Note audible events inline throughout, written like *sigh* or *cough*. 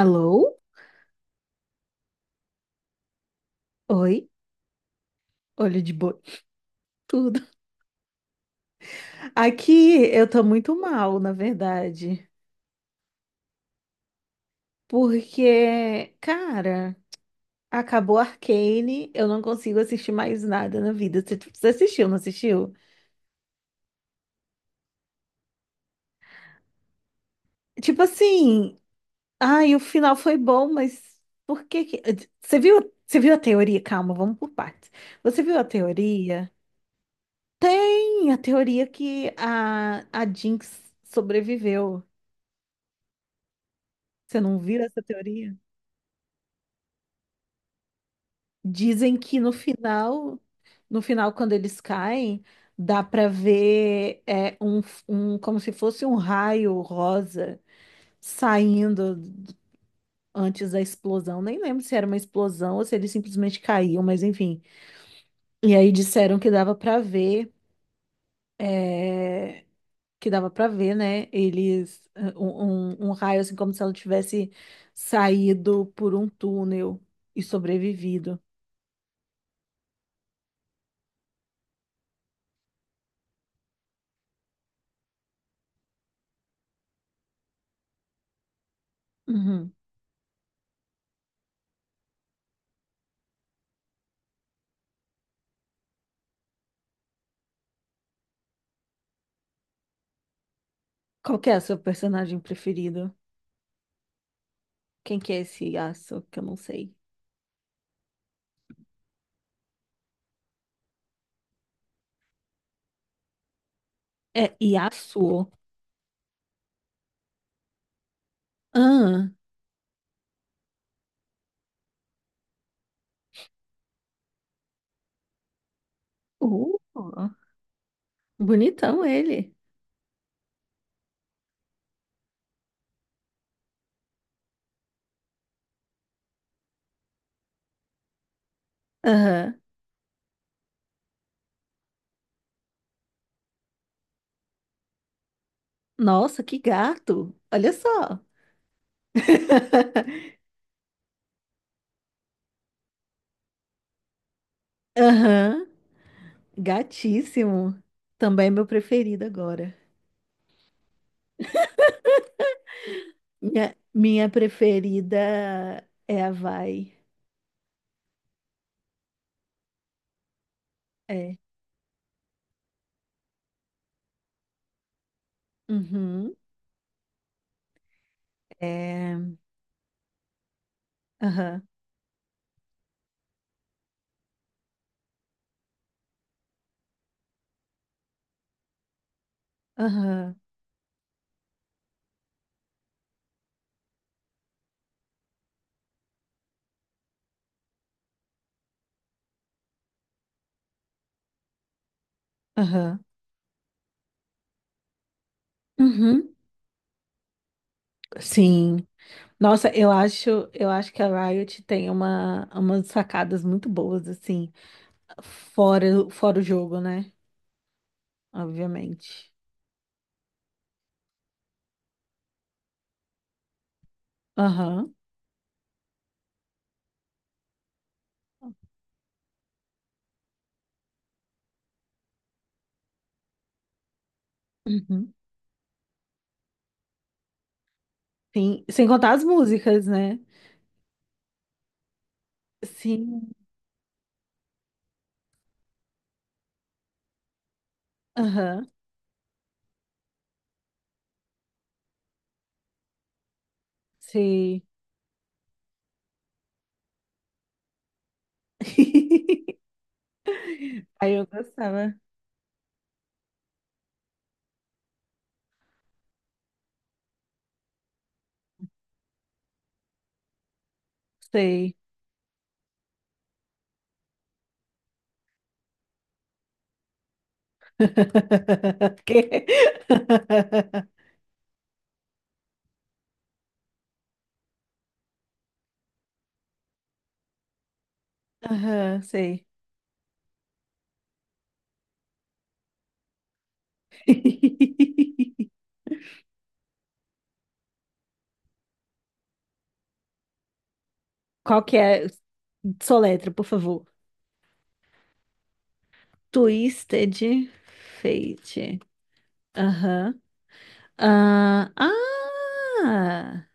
Alô? Oi? Olho de boi. *laughs* Tudo. Aqui eu tô muito mal, na verdade. Porque, cara, acabou Arcane, eu não consigo assistir mais nada na vida. Você assistiu, não assistiu? Tipo assim, ai, o final foi bom, mas por que que... Você viu a teoria? Calma, vamos por partes. Você viu a teoria? Tem a teoria que a Jinx sobreviveu. Você não viu essa teoria? Dizem que no final, no final, quando eles caem, dá para ver como se fosse um raio rosa saindo d- antes da explosão. Nem lembro se era uma explosão ou se eles simplesmente caíam, mas enfim. E aí disseram que dava para ver, é, que dava para ver, né? Eles raio assim como se ela tivesse saído por um túnel e sobrevivido. Uhum. Qual que é o seu personagem preferido? Quem que é esse Yasuo? Que eu não sei. É Yasuo. Ah, uh, bonitão ele. Aham. Nossa, que gato. Olha só. *laughs* Aham. Gatíssimo. Também é meu preferido agora. Minha preferida é a Vai. É. Uhum. É. Aham. Aham. Aham. Uhum. Sim. Nossa, eu acho que a Riot tem uma, umas sacadas muito boas, assim, fora o jogo, né? Obviamente. Aham. Uhum. Sim, sem contar as músicas, né? Sim. Aham. Sim. *laughs* Aí eu gostava. Sei. *laughs* Quê? Aham, sei. *laughs* Qual que é? Soletra, por favor. Twisted Fate. Aham. Ah, ah,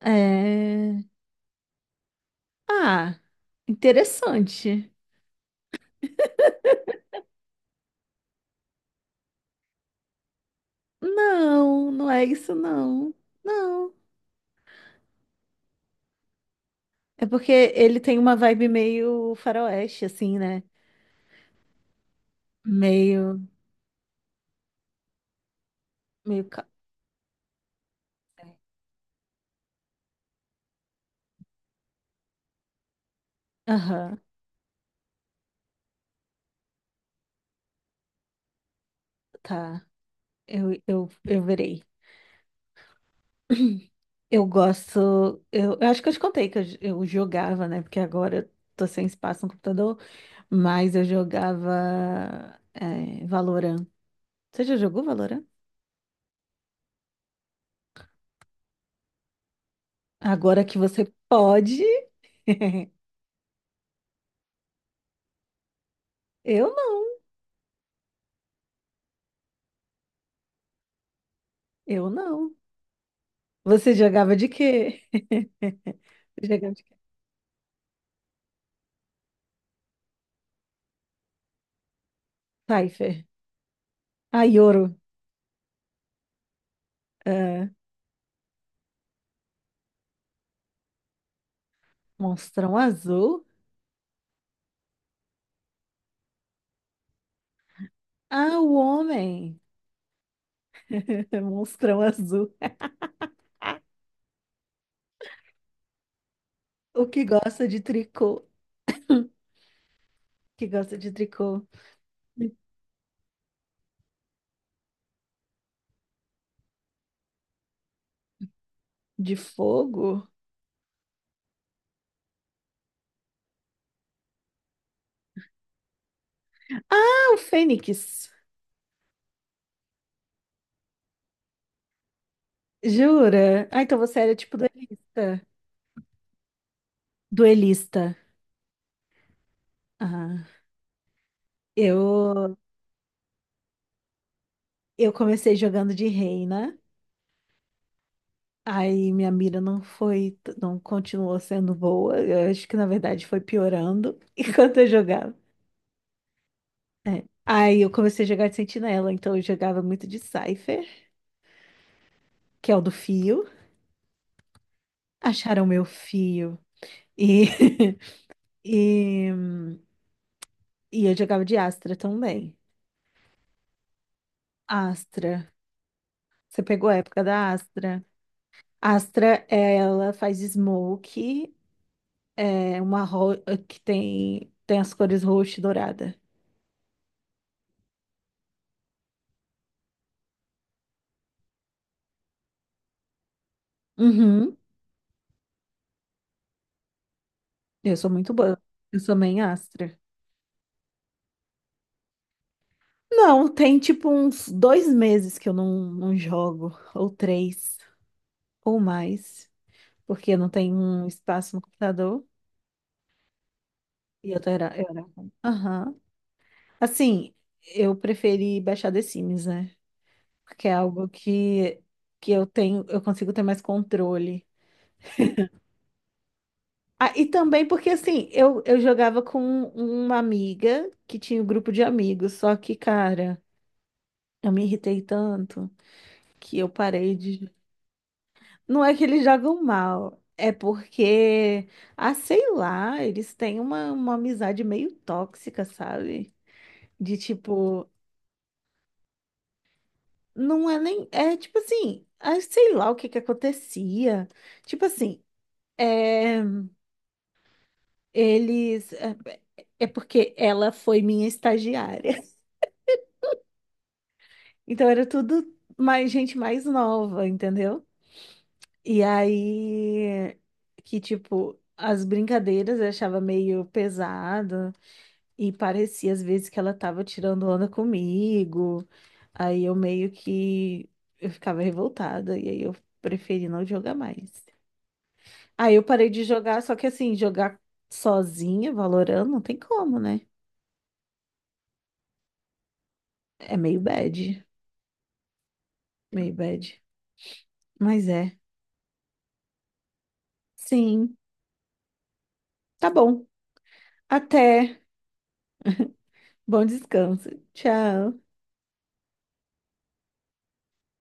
é. Ah, interessante. Não, não é isso, não. Não. É porque ele tem uma vibe meio faroeste, assim, né? Meio, meio. Aham, tá. Eu verei. Eu gosto. Eu acho que eu te contei que eu jogava, né? Porque agora eu tô sem espaço no computador, mas eu jogava Valorant. Você já jogou Valorant? Agora que você pode. *laughs* Eu não, eu não. Você jogava de quê? *laughs* Você jogava de quê? Cypher. Ah, Yoro. Ah, Monstrão Azul. Ah, o homem. *laughs* Monstrão Azul. O que gosta de tricô? Que gosta de tricô? De fogo? Ah, o Fênix. Jura? Ah, então você era tipo duelista. Duelista. Ah, eu eu comecei jogando de reina. Aí minha mira não foi, não continuou sendo boa. Eu acho que na verdade foi piorando *laughs* enquanto eu jogava. Aí eu comecei a jogar de sentinela, então eu jogava muito de Cypher, que é o do fio. Acharam meu fio. E, *laughs* e, e eu jogava de Astra também. Astra. Você pegou a época da Astra. Astra, é, ela faz smoke, é uma ro- que tem, tem as cores roxa e dourada. Uhum. Eu sou muito boa. Eu sou main Astra. Não, tem tipo uns dois meses que eu não jogo, ou três, ou mais, porque não tem um espaço no computador. E eu era, eu era. Aham. Assim, eu preferi baixar The Sims, né? Porque é algo que eu tenho, eu consigo ter mais controle. Ah, e também porque assim, eu jogava com uma amiga que tinha um grupo de amigos, só que, cara, eu me irritei tanto que eu parei de. Não é que eles jogam mal, é porque, ah, sei lá, eles têm uma amizade meio tóxica, sabe? De tipo, não é nem. É tipo assim, ah, sei lá o que que acontecia. Tipo assim, é, eles. É é é porque ela foi minha estagiária. Então era tudo mais gente mais nova, entendeu? E aí que tipo as brincadeiras eu achava meio pesado e parecia às vezes que ela tava tirando onda comigo. Aí eu meio que eu ficava revoltada e aí eu preferi não jogar mais. Aí eu parei de jogar, só que assim, jogar sozinha, Valorant, não tem como, né? É meio bad, meio bad. Mas é. Sim, tá bom. Até. Bom descanso. Tchau.